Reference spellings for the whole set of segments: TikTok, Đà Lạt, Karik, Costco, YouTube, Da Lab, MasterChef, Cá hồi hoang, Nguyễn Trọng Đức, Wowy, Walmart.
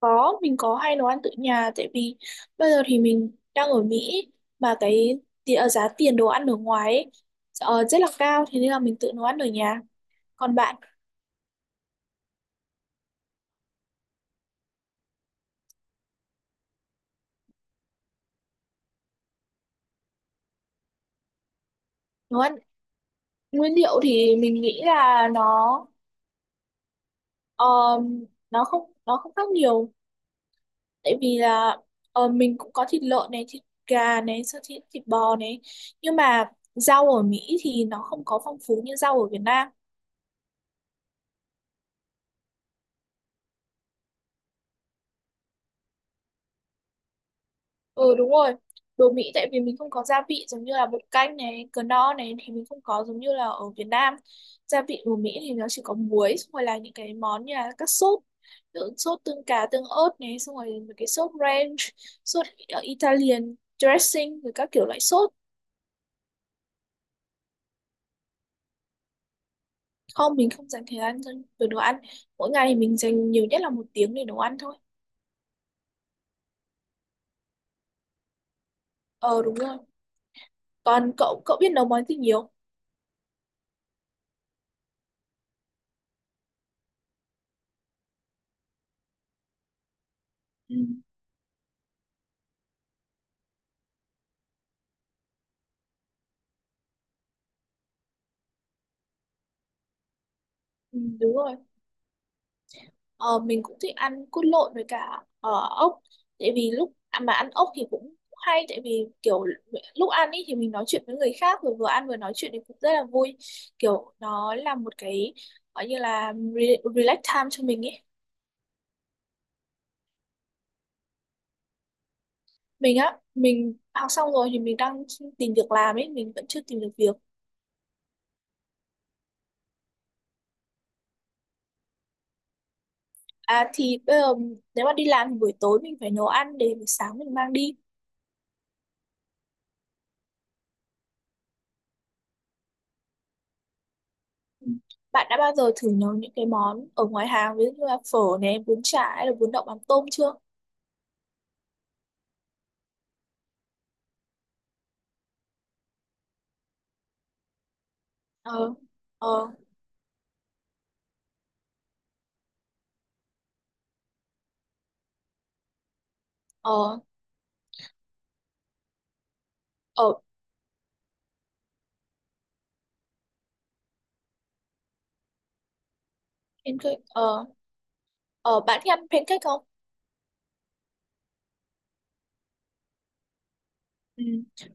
Có, mình có hay nấu ăn tự nhà tại vì bây giờ thì mình đang ở Mỹ mà cái giá tiền đồ ăn ở ngoài ấy, rất là cao thế nên là mình tự nấu ăn ở nhà. Còn bạn nấu ăn nguyên liệu thì mình nghĩ là nó ờ, nó không khác nhiều tại vì là mình cũng có thịt lợn này, thịt gà này, xong thịt thịt bò này, nhưng mà rau ở Mỹ thì nó không có phong phú như rau ở Việt Nam. Ừ, đúng rồi, đồ Mỹ tại vì mình không có gia vị giống như là bột canh này, cờ no này thì mình không có giống như là ở Việt Nam. Gia vị đồ Mỹ thì nó chỉ có muối, xong rồi là những cái món như là các sốt, ví dụ sốt tương cá, tương ớt này, xong rồi mấy cái sốt ranch, sốt Italian dressing rồi các kiểu loại sốt. Không, mình không dành thời gian dành về đồ ăn, mỗi ngày thì mình dành nhiều nhất là 1 tiếng để nấu ăn thôi. Ờ, đúng rồi. Còn cậu cậu biết nấu món gì nhiều? Ừ. Ừ, đúng rồi. Ờ, mình cũng thích ăn cút lộn với cả ốc, tại vì lúc à, mà ăn ốc thì cũng hay, tại vì kiểu lúc ăn ý thì mình nói chuyện với người khác, rồi vừa ăn vừa nói chuyện thì cũng rất là vui, kiểu nó là một cái gọi như là relax time cho mình ấy. Mình á, mình học xong rồi thì mình đang tìm việc làm ấy, mình vẫn chưa tìm được việc. À thì bây giờ nếu mà đi làm thì buổi tối mình phải nấu ăn để buổi sáng mình mang đi. Ừ. Bạn đã bao giờ thử nấu những cái món ở ngoài hàng ví dụ như là phở này, bún chả hay là bún đậu mắm tôm chưa? Ờ, ờ, ờ, ở pancake, bạn thích ăn pancake không? Ừ.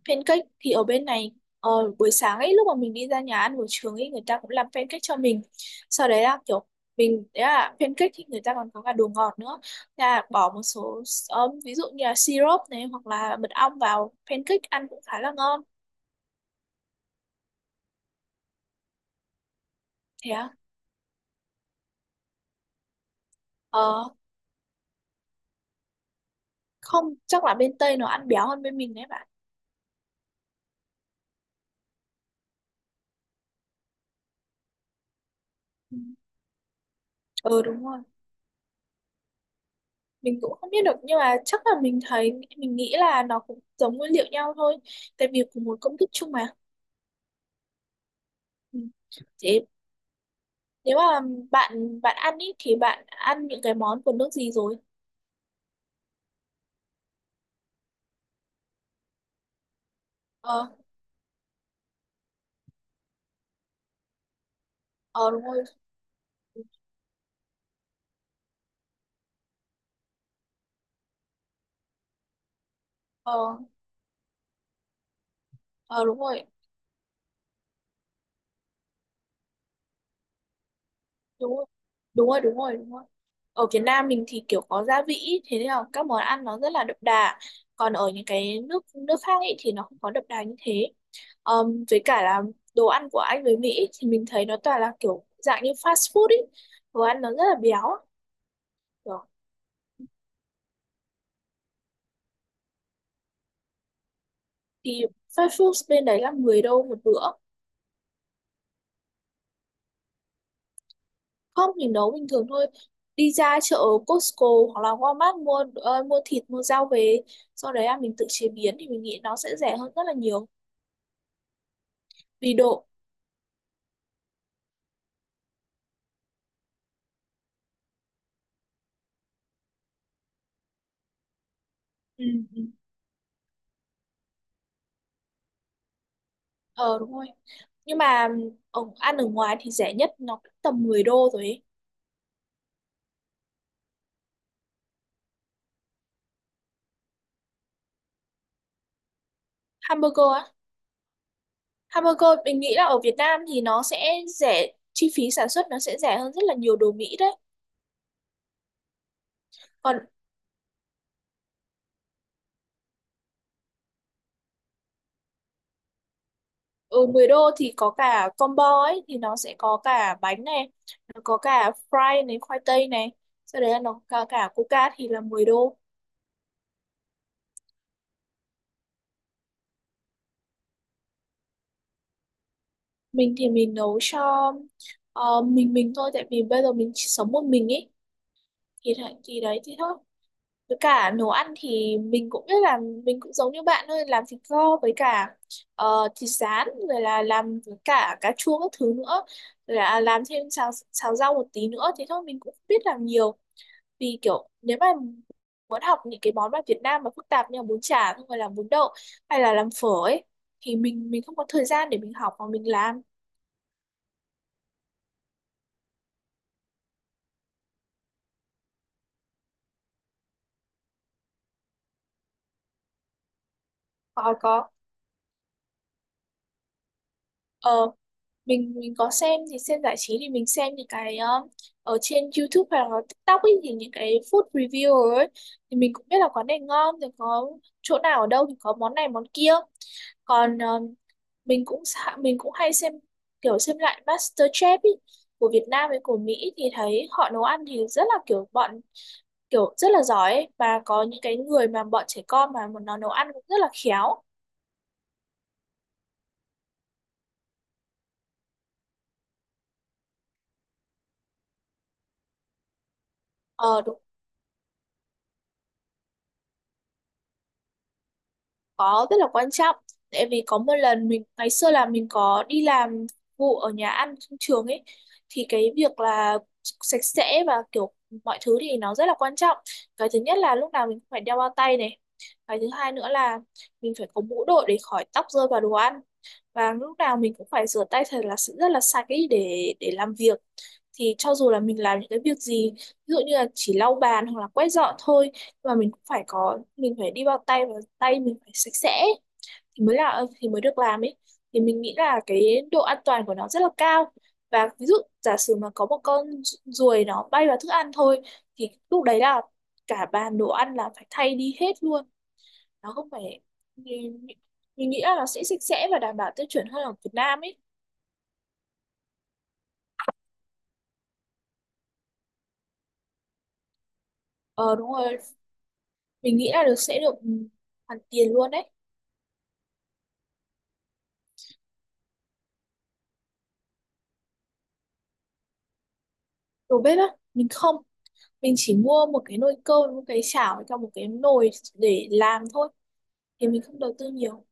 Pancake thì ở bên này, ờ, buổi sáng ấy lúc mà mình đi ra nhà ăn buổi trường ấy người ta cũng làm pancake cho mình. Sau đấy là kiểu mình đấy là pancake thì người ta còn có cả đồ ngọt nữa. Thế là bỏ một số, ví dụ như là syrup này hoặc là mật ong vào pancake ăn cũng khá là ngon. Thế à? Ờ, không, chắc là bên Tây nó ăn béo hơn bên mình đấy bạn. Ừ. Ừ, đúng rồi, mình cũng không biết được nhưng mà chắc là mình thấy mình nghĩ là nó cũng giống nguyên liệu nhau thôi, tại vì cùng một công thức chung mà. Ừ. Thế nếu mà bạn bạn ăn ý thì bạn ăn những cái món của nước gì rồi? Ờ ờ đúng rồi. Ờ ờ đúng rồi, đúng rồi đúng rồi, ở Việt Nam mình thì kiểu có gia vị ý, thế nên là các món ăn nó rất là đậm đà, còn ở những cái nước nước khác ấy thì nó không có đậm đà như thế. Với cả là đồ ăn của Anh với Mỹ ý, thì mình thấy nó toàn là kiểu dạng như fast food ấy, đồ ăn nó rất là béo kiểu, thì fast food bên đấy là 10 đô một bữa. Không, mình nấu bình thường thôi, đi ra chợ Costco hoặc là Walmart mua mua thịt mua rau về, sau đấy là mình tự chế biến thì mình nghĩ nó sẽ rẻ hơn rất là nhiều. Vì đồ. Ừ. Ừ. Ờ đúng rồi. Nhưng mà ở, ăn ở ngoài thì rẻ nhất nó cũng tầm 10 đô rồi ấy. Hamburger á. Hamburger mình nghĩ là ở Việt Nam thì nó sẽ rẻ, chi phí sản xuất nó sẽ rẻ hơn rất là nhiều đồ Mỹ đấy. Còn ở 10 đô thì có cả combo ấy thì nó sẽ có cả bánh này, nó có cả fry này, khoai tây này. Sau đấy là nó có cả coca thì là 10 đô. Mình thì mình nấu cho mình thôi, tại vì bây giờ mình chỉ sống một mình ấy, thì thì đấy thì thôi. Với cả nấu ăn thì mình cũng biết là mình cũng giống như bạn thôi, làm thịt kho với cả thịt rán, rồi là làm với cả cà chua các thứ nữa, rồi là làm thêm xào xào rau một tí nữa thế thôi, mình cũng không biết làm nhiều, vì kiểu nếu mà muốn học những cái món mà Việt Nam mà phức tạp như là bún chả không phải là bún đậu, hay là làm phở ấy, thì mình không có thời gian để mình học mà mình làm. Có có. ờ mình có xem thì xem giải trí, thì mình xem những cái ở trên YouTube hoặc là TikTok ấy, thì những cái food review ấy, thì mình cũng biết là quán này ngon thì có chỗ nào ở đâu thì có món này món kia. Còn mình cũng mình cũng hay xem kiểu xem lại MasterChef ý, của Việt Nam với của Mỹ thì thấy họ nấu ăn thì rất là kiểu bọn kiểu rất là giỏi ấy. Và có những cái người mà bọn trẻ con mà nó nấu ăn cũng rất là khéo. Ờ, đúng. Có, rất là quan trọng, tại vì có một lần mình ngày xưa là mình có đi làm vụ ở nhà ăn trong trường ấy, thì cái việc là sạch sẽ và kiểu mọi thứ thì nó rất là quan trọng. Cái thứ nhất là lúc nào mình cũng phải đeo bao tay này, cái thứ hai nữa là mình phải có mũ đội để khỏi tóc rơi vào đồ ăn, và lúc nào mình cũng phải rửa tay thật là rất là sạch ấy để làm việc. Thì cho dù là mình làm những cái việc gì, ví dụ như là chỉ lau bàn hoặc là quét dọn thôi, mà mình cũng phải có mình phải đi bao tay và tay mình phải sạch sẽ thì mới là thì mới được làm ấy. Thì mình nghĩ là cái độ an toàn của nó rất là cao, và ví dụ giả sử mà có một con ruồi nó bay vào thức ăn thôi thì lúc đấy là cả bàn đồ ăn là phải thay đi hết luôn, nó không phải, mình, mình nghĩ là nó sẽ sạch sẽ và đảm bảo tiêu chuẩn hơn ở Việt Nam ấy. Ờ, đúng rồi, mình nghĩ là được, sẽ được hoàn tiền luôn đấy. Đồ bếp á, mình không, mình chỉ mua một cái nồi cơm, một cái chảo với một cái nồi để làm thôi, thì mình không đầu tư nhiều.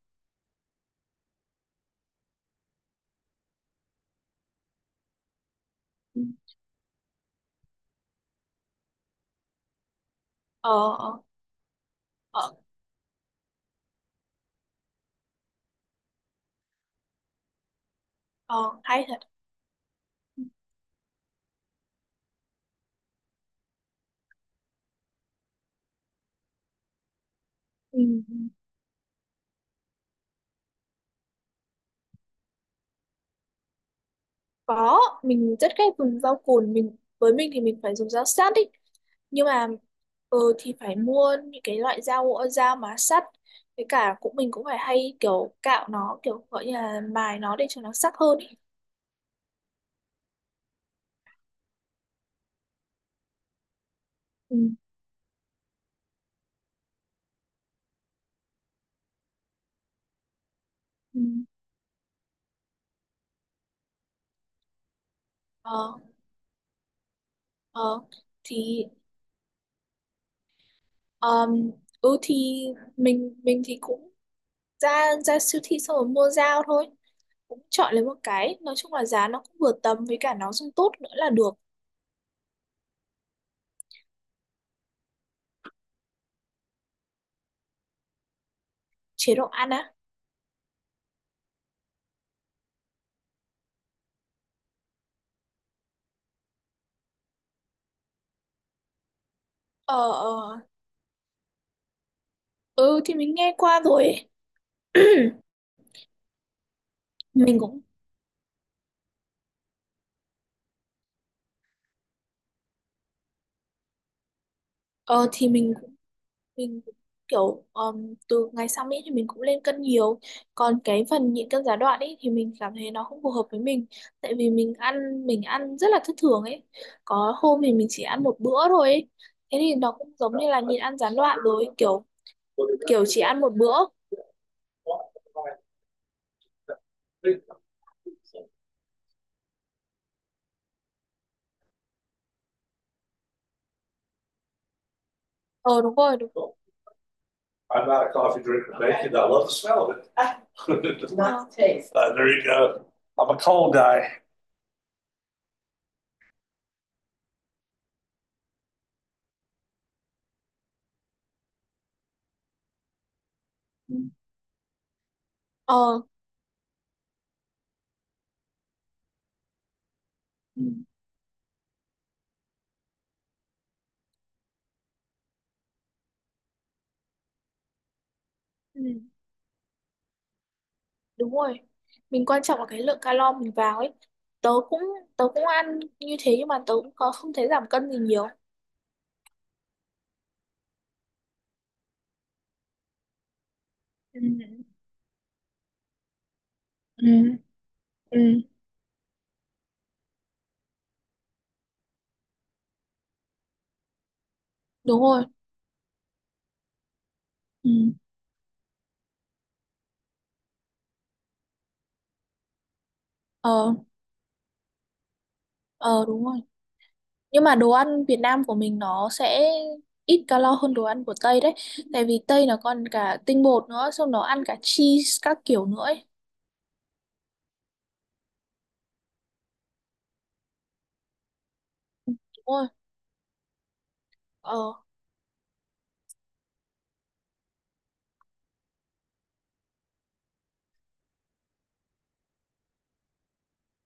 Ờ. Ờ. Ờ, hay thật. Ừ. Có, mình rất ghét dùng rau cùn, mình với mình thì mình phải dùng dao sắt ý, nhưng mà thì phải mua những cái loại dao dao mà sắt, với cả cũng mình cũng phải hay kiểu cạo nó kiểu gọi như là mài nó để cho nó sắc hơn ý. Ừ. Ừ. ờ ờ thì um, thì mình thì cũng ra ra siêu thị xong rồi mua dao thôi, cũng chọn lấy một cái, nói chung là giá nó cũng vừa tầm với cả nó dùng tốt nữa là được. Chế độ ăn á? Ờ, ừ thì mình nghe qua rồi ấy. Mình cũng ờ thì mình cũng- mình cũng kiểu từ ngày sang Mỹ thì mình cũng lên cân nhiều, còn cái phần nhịn cân gián đoạn ấy thì mình cảm thấy nó không phù hợp với mình, tại vì mình ăn rất là thất thường ấy, có hôm thì mình chỉ ăn một bữa thôi ấy. Thế thì nó cũng giống như là nhịn ăn gián đoạn rồi, kiểu kiểu chỉ ăn một bữa. Ờ đúng rồi, đúng rồi. I'm not a coffee drinker, bacon. I love the smell of it. Not the taste. There you go. I'm a cold guy. Ờ, ừ, đúng rồi. Mình quan trọng là cái lượng calo mình vào ấy. Tớ cũng tớ cũng ăn như thế nhưng mà tớ cũng có không thấy giảm cân gì nhiều. Ừ, ừ, ừ, đúng rồi. Ừ, ờ, ờ đúng rồi. Nhưng mà đồ ăn Việt Nam của mình nó sẽ ít calo hơn đồ ăn của Tây đấy. Tại vì Tây nó còn cả tinh bột nữa, xong nó ăn cả cheese các kiểu nữa ấy. Đúng rồi. Ờ,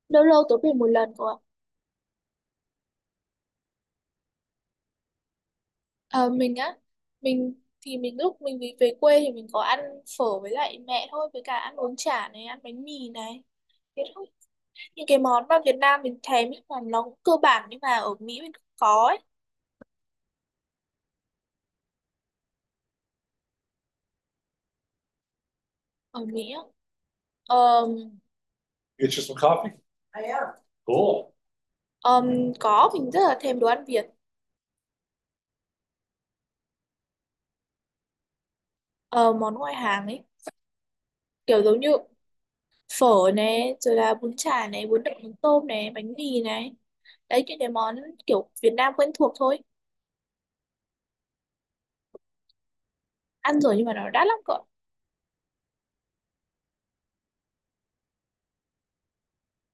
lâu lâu tớ về một lần cơ ạ. Ờ, mình á, mình thì mình lúc mình đi về quê thì mình có ăn phở với lại mẹ thôi, với cả ăn bún chả này, ăn bánh mì này. Thế thôi. Những cái món mà Việt Nam mình thèm ấy mà nó cũng cơ bản, nhưng mà ở Mỹ mình không có ấy. Ở Mỹ á. Ờ, Get you some coffee. I am. Cool. Ờm, có, mình rất là thèm đồ ăn Việt. Ờ, món ngoại hàng ấy, kiểu giống như phở này rồi là bún chả này, bún đậu mắm tôm này, bánh mì này, đấy những cái món kiểu Việt Nam quen thuộc thôi. Ăn rồi nhưng mà nó đắt lắm cơ.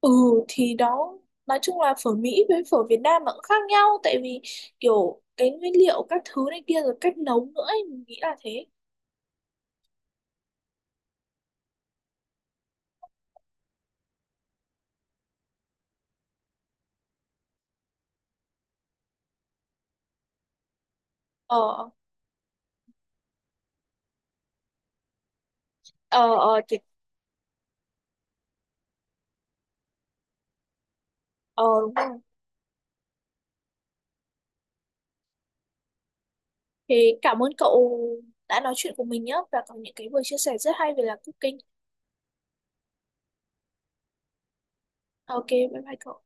Ừ thì đó, nói chung là phở Mỹ với phở Việt Nam nó cũng khác nhau, tại vì kiểu cái nguyên liệu các thứ này kia rồi cách nấu nữa ấy, mình nghĩ là thế. Ờ ờ ờ thì ờ đúng rồi, thì cảm ơn cậu đã nói chuyện cùng mình nhé và có những cái vừa chia sẻ rất hay về là cooking. Ok, bye bye cậu.